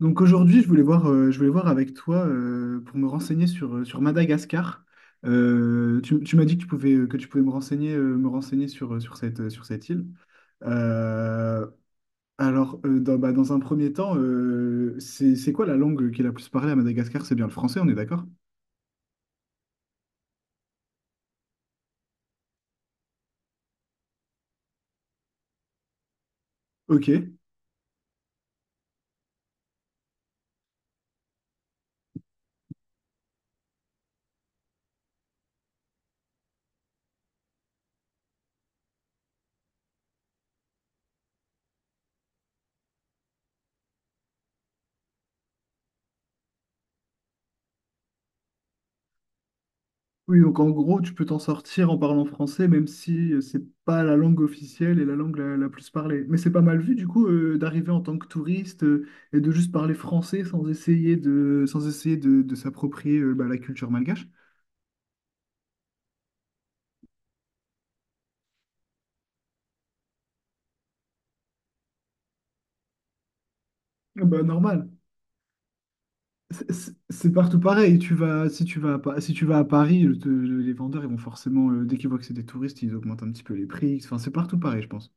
Donc aujourd'hui, je voulais voir avec toi, pour me renseigner sur Madagascar. Tu m'as dit que tu pouvais me renseigner sur cette île. Euh, alors, dans un premier temps, c'est quoi la langue qui est la plus parlée à Madagascar? C'est bien le français, on est d'accord? Ok. Oui, donc en gros, tu peux t'en sortir en parlant français, même si, c'est pas la langue officielle et la langue la plus parlée. Mais c'est pas mal vu, du coup, d'arriver en tant que touriste, et de juste parler français, sans essayer de, de, s'approprier, bah, la culture malgache. Ah bah, normal. C'est partout pareil. Tu vas, si tu vas à, Pa- si tu vas à Paris, les vendeurs, ils vont forcément, dès qu'ils voient que c'est des touristes, ils augmentent un petit peu les prix. Enfin, c'est partout pareil, je pense.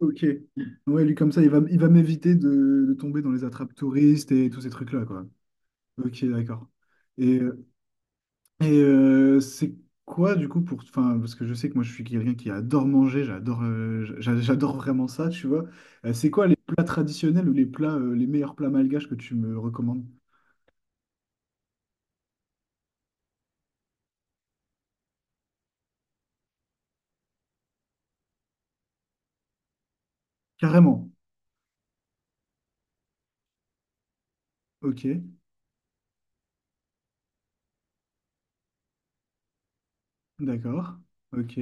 Ok. Ouais, lui, comme ça, il va, m'éviter de tomber dans les attrapes touristes et tous ces trucs-là, quoi. Ok, d'accord. Et, c'est quoi du coup pour... Enfin, parce que je sais que moi je suis quelqu'un qui adore manger, j'adore vraiment ça, tu vois. C'est quoi les plats traditionnels ou les meilleurs plats malgaches que tu me recommandes? Carrément. Ok, d'accord. Ok.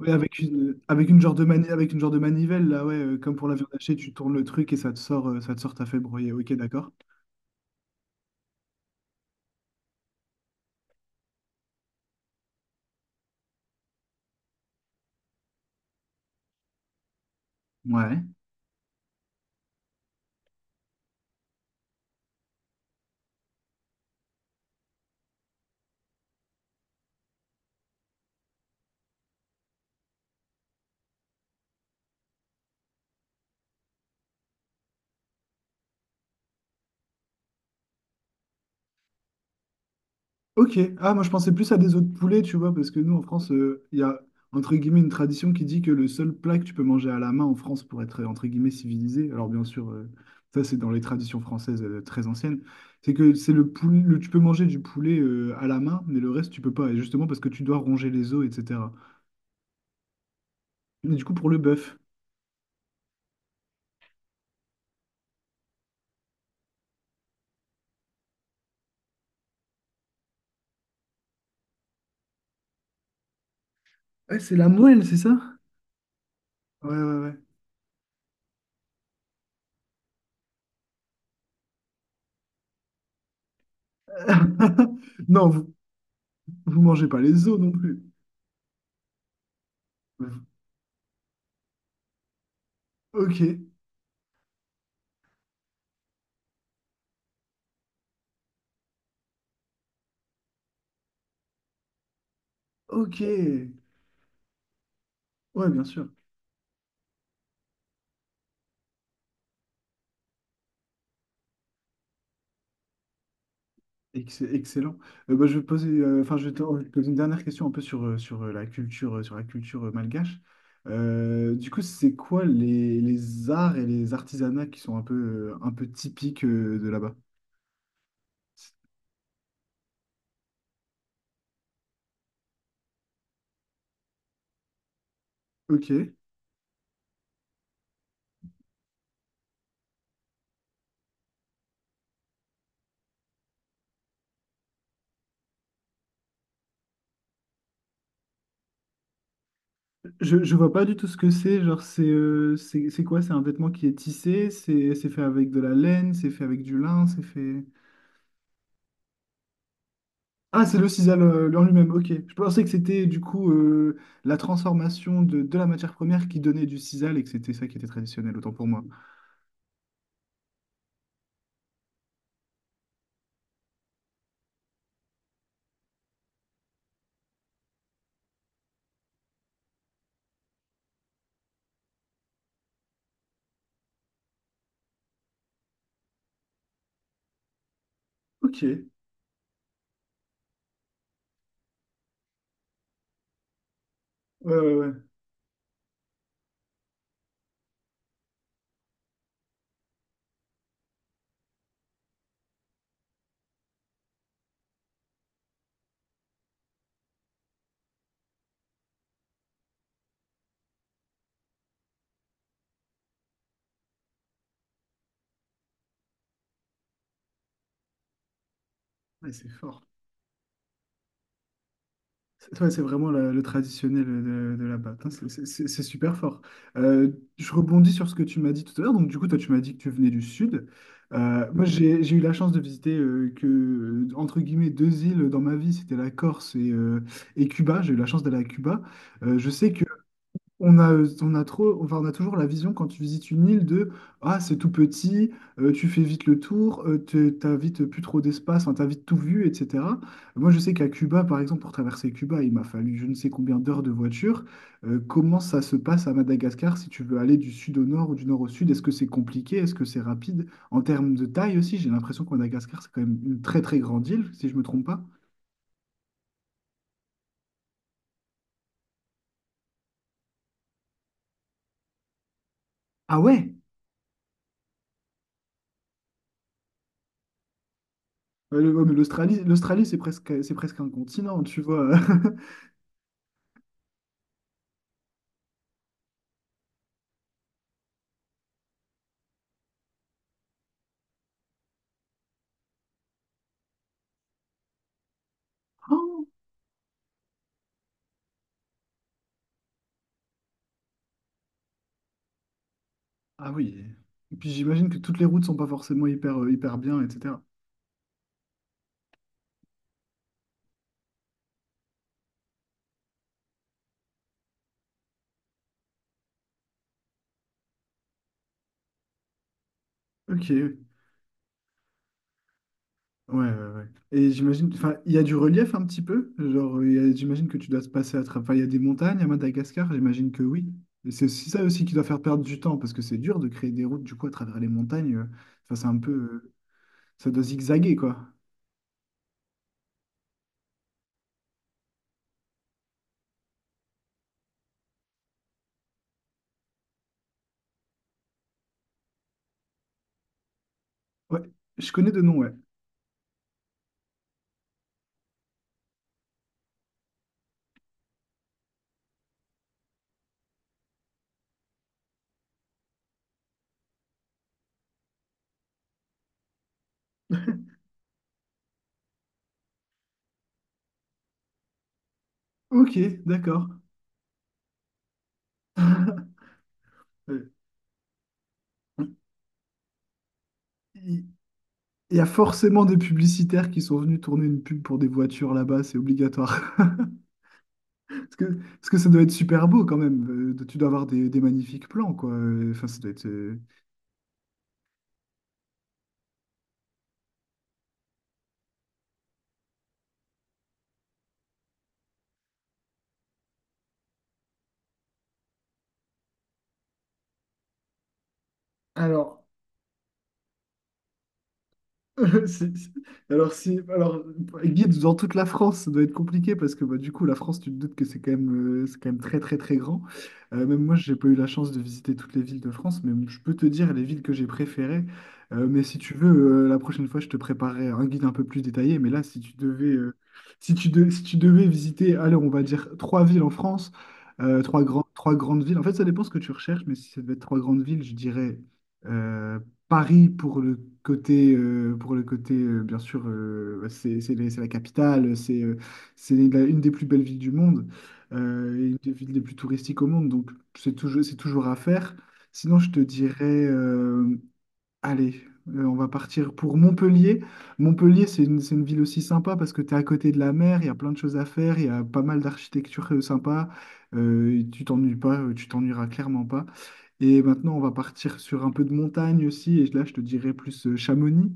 Oui, avec une genre de mani- avec une genre de manivelle, là, ouais, comme pour la viande hachée, tu tournes le truc et ça te sort ta fait broyer. Ok, d'accord. Ouais. Ok, ah moi je pensais plus à des œufs de poulet, tu vois, parce que nous, en France, il y a entre guillemets une tradition qui dit que le seul plat que tu peux manger à la main en France pour être, entre guillemets, civilisé, alors bien sûr, ça, c'est dans les traditions françaises, très anciennes, c'est que c'est le poulet, tu peux manger du poulet, à la main, mais le reste tu peux pas, et justement parce que tu dois ronger les os, etc. Mais du coup pour le bœuf, ouais, c'est la moelle, c'est ça? Ouais, ouais, ouais. Non, vous, vous mangez pas les os non plus. Ok, ok, ouais, bien sûr. Excellent. Bah, je vais poser, enfin, je vais te poser une dernière question un peu sur, sur la culture, malgache. Du coup, c'est quoi les arts et les artisanats qui sont un peu typiques, de là-bas? Ok. Je vois pas du tout ce que c'est. Genre, c'est quoi? C'est un vêtement qui est tissé, c'est fait avec de la laine, c'est fait avec du lin, c'est fait. Ah, c'est le sisal, en lui-même, ok. Je pensais que c'était du coup, la transformation de, la matière première qui donnait du sisal et que c'était ça qui était traditionnel, autant pour moi. Ok, ouais, ouais, ouais. Ouais, c'est fort. C'est ouais, c'est vraiment le traditionnel de là-bas. Putain, c'est c'est super fort. Euh, je rebondis sur ce que tu m'as dit tout à l'heure. Donc, du coup, toi, tu m'as dit que tu venais du sud. Moi, j'ai eu la chance de visiter, entre guillemets, deux îles dans ma vie. C'était la Corse et Cuba. J'ai eu la chance d'aller à Cuba. Je sais on a trop, enfin, on a toujours la vision quand tu visites une île de: ah, c'est tout petit, tu fais vite le tour, t'as vite plus trop d'espace, enfin, t'as vite tout vu, etc. Moi, je sais qu'à Cuba par exemple, pour traverser Cuba, il m'a fallu je ne sais combien d'heures de voiture. Comment ça se passe à Madagascar si tu veux aller du sud au nord ou du nord au sud? Est-ce que c'est compliqué? Est-ce que c'est rapide? En termes de taille aussi, j'ai l'impression que Madagascar, c'est quand même une très très grande île, si je me trompe pas. Ah ouais, ouais, mais l'Australie, c'est presque un continent, tu vois. Ah oui. Et puis j'imagine que toutes les routes sont pas forcément hyper bien, etc. Ok. Ouais, ouais, ouais. Et j'imagine, enfin, il y a du relief un petit peu. Genre, j'imagine que tu dois te passer à travers. Enfin, il y a des montagnes à Madagascar, j'imagine que oui. Et c'est aussi ça aussi qui doit faire perdre du temps, parce que c'est dur de créer des routes du coup à travers les montagnes. Enfin, c'est un peu. Ça doit zigzaguer, quoi. Ouais, je connais de nom, ouais. Ok, d'accord. Euh, Il il y a forcément des publicitaires qui sont venus tourner une pub pour des voitures là-bas, c'est obligatoire. Parce que, parce que ça doit être super beau quand même. Tu dois avoir des magnifiques plans, quoi. Enfin, ça doit être. Alors, Si- si- alors, si, alors, guide dans toute la France, ça doit être compliqué parce que, bah, du coup, la France, tu te doutes que c'est quand même très, très, très grand. Même moi, j'ai pas eu la chance de visiter toutes les villes de France, mais je peux te dire les villes que j'ai préférées. Mais si tu veux, la prochaine fois, je te préparerai un guide un peu plus détaillé. Mais là, si tu devais, si tu devais visiter, alors on va dire trois villes en France, trois grandes villes. En fait, ça dépend ce que tu recherches, mais si ça devait être trois grandes villes, je dirais, euh, Paris pour le côté, bien sûr, bah, c'est la capitale, une des plus belles villes du monde, et une des villes les plus touristiques au monde, donc c'est toujours à faire. Sinon, je te dirais, allez, on va partir pour Montpellier. Montpellier, c'est une ville aussi sympa parce que tu es à côté de la mer, il y a plein de choses à faire, il y a pas mal d'architecture, sympa, et tu t'ennuies pas, tu t'ennuieras clairement pas. Et maintenant, on va partir sur un peu de montagne aussi. Et là, je te dirais plus, Chamonix.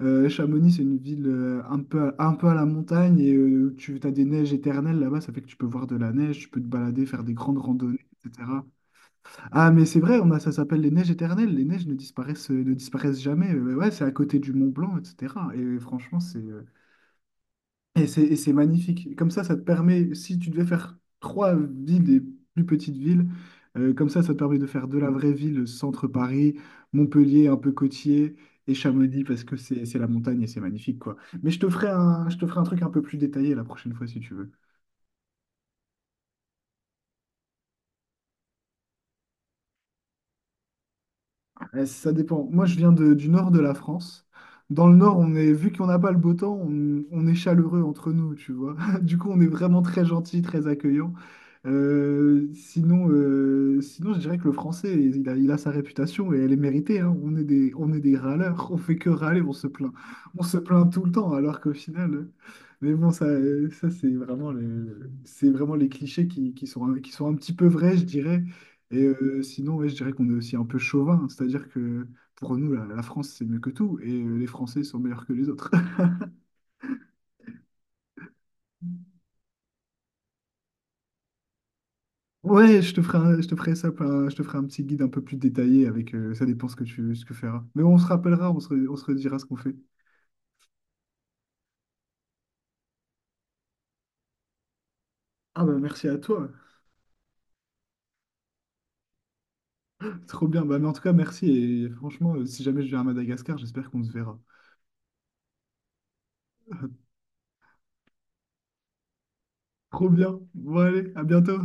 Chamonix, c'est une ville, un peu à la montagne et, tu as des neiges éternelles là-bas. Ça fait que tu peux voir de la neige, tu peux te balader, faire des grandes randonnées, etc. Ah, mais c'est vrai, ça s'appelle les neiges éternelles. Les neiges ne disparaissent jamais. Ouais, c'est à côté du Mont Blanc, etc. Et franchement, c'est et c'est et c'est magnifique. Comme ça te permet, si tu devais faire trois villes, des plus petites villes, comme ça te permet de faire de la vraie ville, centre Paris, Montpellier un peu côtier, et Chamonix parce que c'est la montagne et c'est magnifique, quoi. Mais je te ferai un truc un peu plus détaillé la prochaine fois si tu veux. Eh, ça dépend. Moi, je viens du nord de la France. Dans le nord, on est, vu qu'on n'a pas le beau temps, on est chaleureux entre nous, tu vois. Du coup, on est vraiment très gentil, très accueillant. Sinon, je dirais que le français, il a sa réputation et elle est méritée, hein. On est des râleurs, on fait que râler, on se plaint. On se plaint tout le temps, alors qu'au final. Mais bon, ça c'est vraiment les clichés qui sont un petit peu vrais, je dirais. Sinon, ouais, je dirais qu'on est aussi un peu chauvin, c'est-à-dire que pour nous, la France, c'est mieux que tout, et, les Français sont meilleurs que les autres. Ouais, je te ferai un petit guide un peu plus détaillé avec, ça dépend ce que feras. Mais on se rappellera, on se redira ce qu'on fait. Ah bah, merci à toi. Trop bien. Bah, mais en tout cas, merci. Et franchement, si jamais je viens à Madagascar, j'espère qu'on se verra. Trop bien. Bon, allez, à bientôt.